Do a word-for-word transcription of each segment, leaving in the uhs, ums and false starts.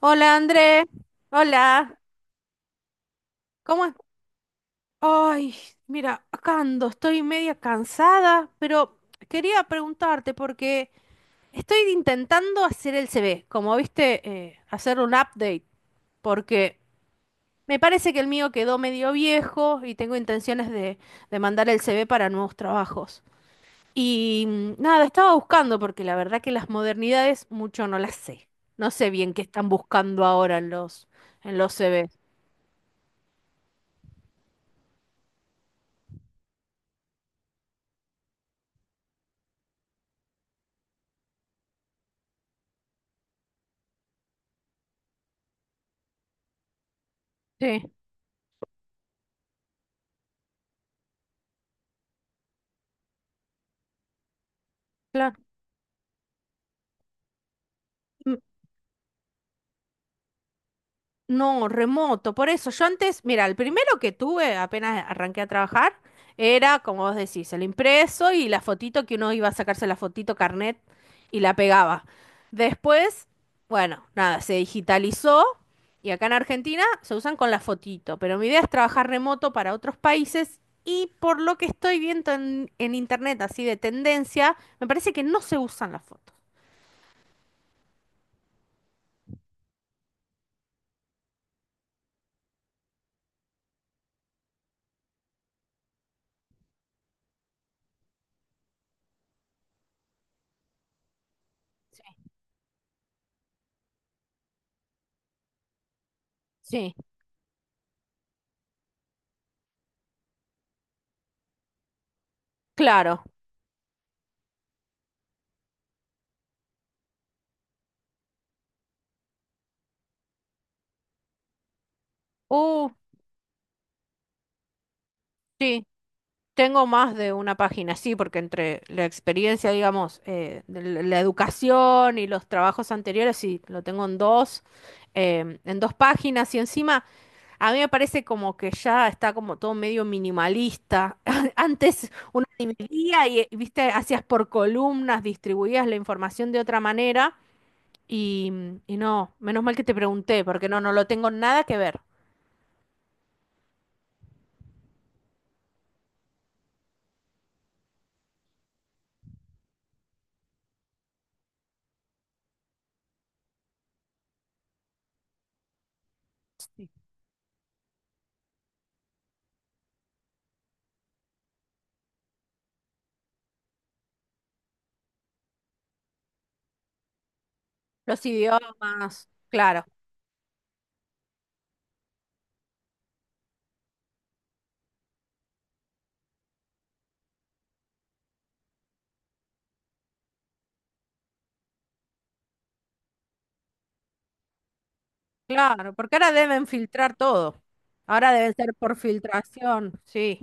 Hola André, hola, ¿cómo es? Ay, mira, acá ando, estoy media cansada, pero quería preguntarte porque estoy intentando hacer el C V, como viste, eh, hacer un update, porque me parece que el mío quedó medio viejo y tengo intenciones de, de mandar el C V para nuevos trabajos. Y mm, Nada, estaba buscando porque la verdad que las modernidades mucho no las sé. No sé bien qué están buscando ahora en los, en los C Vs. Sí, claro. No, remoto. Por eso, yo antes, mira, el primero que tuve apenas arranqué a trabajar era, como vos decís, el impreso y la fotito que uno iba a sacarse la fotito carnet y la pegaba. Después, bueno, nada, se digitalizó y acá en Argentina se usan con la fotito. Pero mi idea es trabajar remoto para otros países y por lo que estoy viendo en, en internet, así de tendencia, me parece que no se usan las fotos. Sí, claro. Uh, sí. Tengo más de una página, sí, porque entre la experiencia, digamos, eh, de la la educación y los trabajos anteriores, sí, lo tengo en dos, em, en dos páginas y encima a mí me parece como que ya está como todo medio minimalista. Antes uno dividía y, eh, viste, hacías por columnas, distribuías la información de otra manera y, y no, menos mal que te pregunté, porque no, no lo tengo nada que ver. Los idiomas, claro. Claro, porque ahora deben filtrar todo. Ahora deben ser por filtración, sí.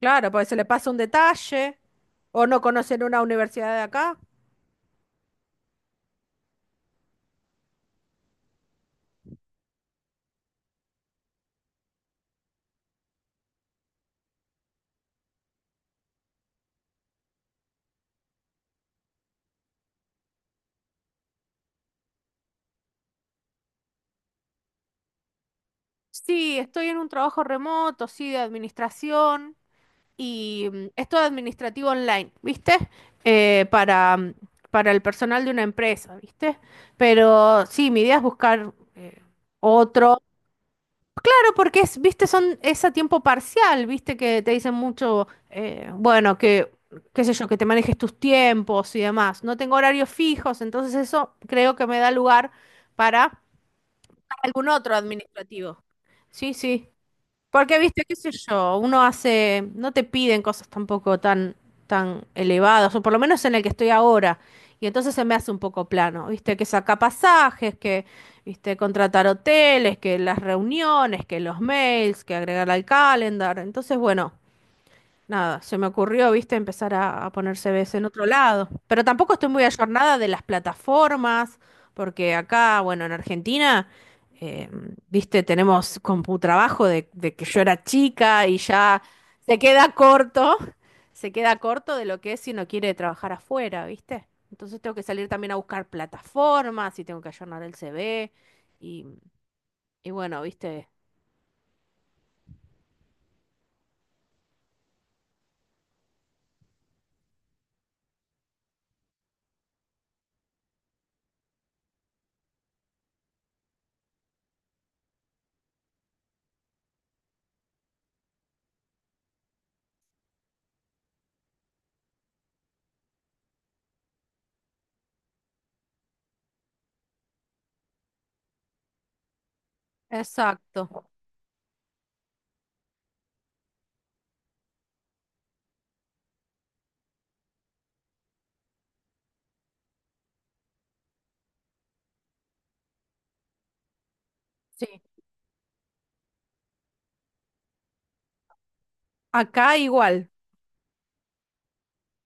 Claro, porque se le pasa un detalle o no conocen una universidad de acá. Sí, estoy en un trabajo remoto, sí, de administración y mm, es todo administrativo online, ¿viste? Eh, para, mm, para el personal de una empresa, ¿viste? Pero sí, mi idea es buscar eh, otro, porque es, viste, son, es a tiempo parcial, viste, que te dicen mucho, eh, bueno, que, qué sé yo, que te manejes tus tiempos y demás. No tengo horarios fijos, entonces eso creo que me da lugar para algún otro administrativo. Sí, sí. Porque, viste, qué sé yo, uno hace, no te piden cosas tampoco tan, tan elevadas, o por lo menos en el que estoy ahora. Y entonces se me hace un poco plano, viste, que saca pasajes, que, viste, contratar hoteles, que las reuniones, que los mails, que agregar al calendar. Entonces, bueno. Nada, se me ocurrió, viste, empezar a, a poner C Vs en otro lado. Pero tampoco estoy muy ayornada de las plataformas, porque acá, bueno, en Argentina, eh, viste, tenemos CompuTrabajo de, de que yo era chica y ya se queda corto, se queda corto de lo que es si uno quiere trabajar afuera, viste. Entonces tengo que salir también a buscar plataformas y tengo que ayornar el C V y, y bueno, viste. Exacto. Sí. Acá igual.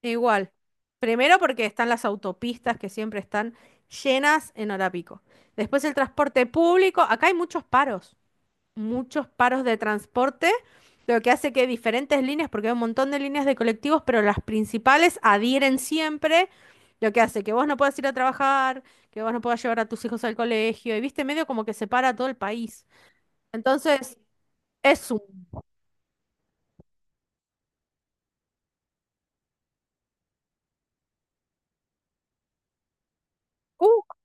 Igual. Primero porque están las autopistas que siempre están llenas en hora pico. Después el transporte público. Acá hay muchos paros, muchos paros de transporte, lo que hace que diferentes líneas, porque hay un montón de líneas de colectivos, pero las principales adhieren siempre, lo que hace que vos no puedas ir a trabajar, que vos no puedas llevar a tus hijos al colegio, y viste, medio como que separa todo el país. Entonces, es un... cuco.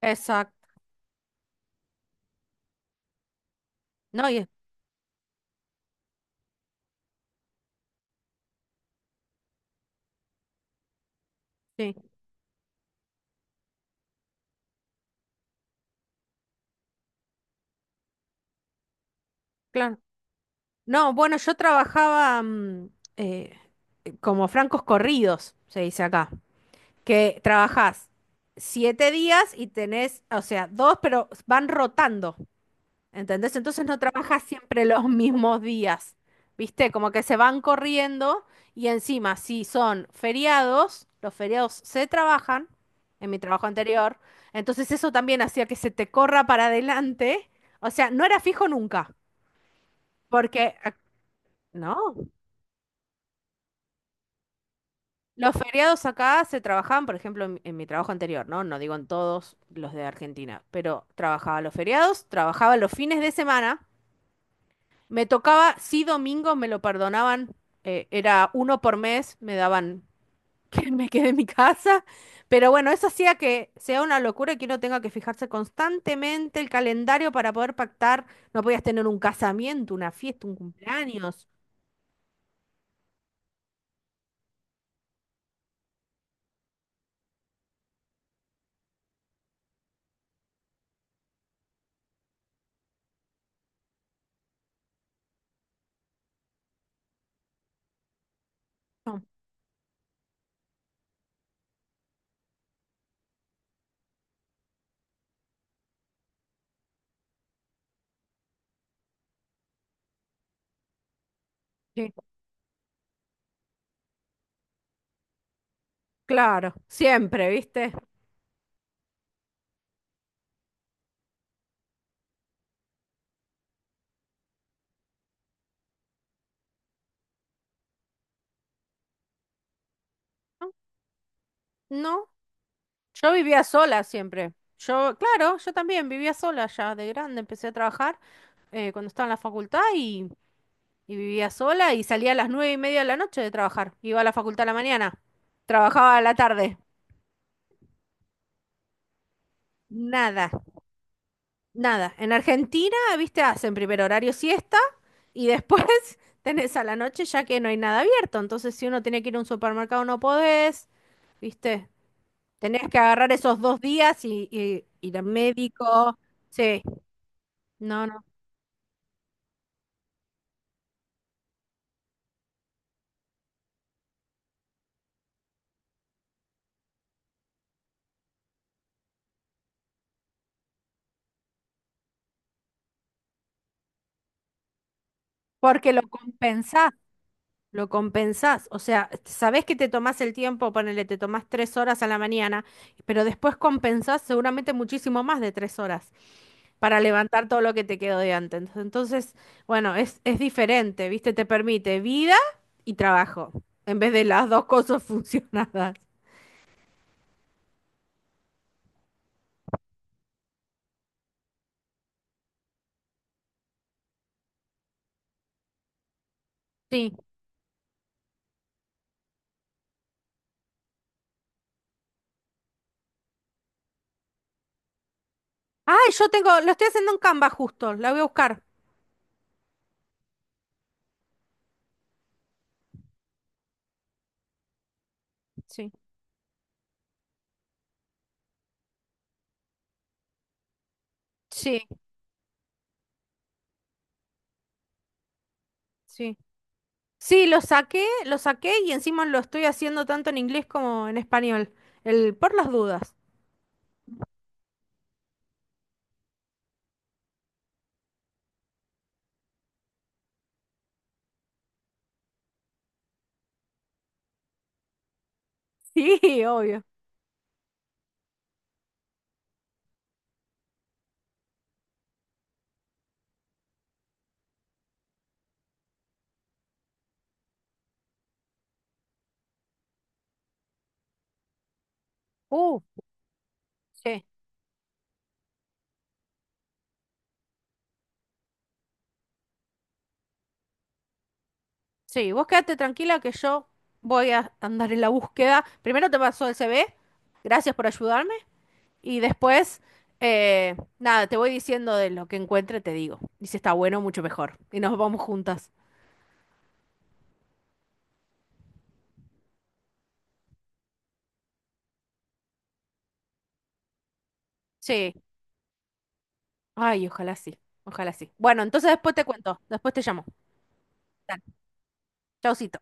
Exacto. No, y es- sí, claro. No, bueno, yo trabajaba mm, eh, como francos corridos, se dice acá, que trabajás siete días y tenés, o sea, dos, pero van rotando, ¿entendés? Entonces no trabajas siempre los mismos días, ¿viste? Como que se van corriendo y encima, si son feriados, los feriados se trabajan, en mi trabajo anterior, entonces eso también hacía que se te corra para adelante, o sea, no era fijo nunca, porque... ¿No? Los feriados acá se trabajaban, por ejemplo, en, en mi trabajo anterior, ¿no? No digo en todos los de Argentina, pero trabajaba los feriados, trabajaba los fines de semana, me tocaba, sí, domingo me lo perdonaban, eh, era uno por mes, me daban que me quede en mi casa, pero bueno, eso hacía que sea una locura y que uno tenga que fijarse constantemente el calendario para poder pactar, no podías tener un casamiento, una fiesta, un cumpleaños. No, sí, claro, siempre, ¿viste? No, no, yo vivía sola siempre. Yo, claro, yo también vivía sola ya de grande. Empecé a trabajar eh, cuando estaba en la facultad y, y vivía sola y salía a las nueve y media de la noche de trabajar. Iba a la facultad a la mañana. Trabajaba a la tarde. Nada, nada. En Argentina, viste, hacen primer horario siesta y después tenés a la noche ya que no hay nada abierto. Entonces, si uno tiene que ir a un supermercado, no podés, viste. Tenés que agarrar esos dos días y, y ir al médico. Sí, no, no. Porque lo compensás, lo compensás. O sea, sabés que te tomás el tiempo, ponele, te tomás tres horas a la mañana, pero después compensás seguramente muchísimo más de tres horas para levantar todo lo que te quedó de antes. Entonces, bueno, es, es diferente, ¿viste? Te permite vida y trabajo, en vez de las dos cosas funcionadas. Sí. Ah, yo tengo, lo estoy haciendo en Canva justo, la voy a buscar. Sí. Sí, sí. Sí, lo saqué, lo saqué y encima lo estoy haciendo tanto en inglés como en español. El por las dudas. Sí, obvio. Uh, sí. Sí, vos quédate tranquila que yo voy a andar en la búsqueda. Primero te paso el C V, gracias por ayudarme. Y después, eh, nada, te voy diciendo de lo que encuentre, te digo. Y si está bueno, mucho mejor. Y nos vamos juntas. Sí. Ay, ojalá sí. Ojalá sí. Bueno, entonces después te cuento. Después te llamo. Dale, chaucito.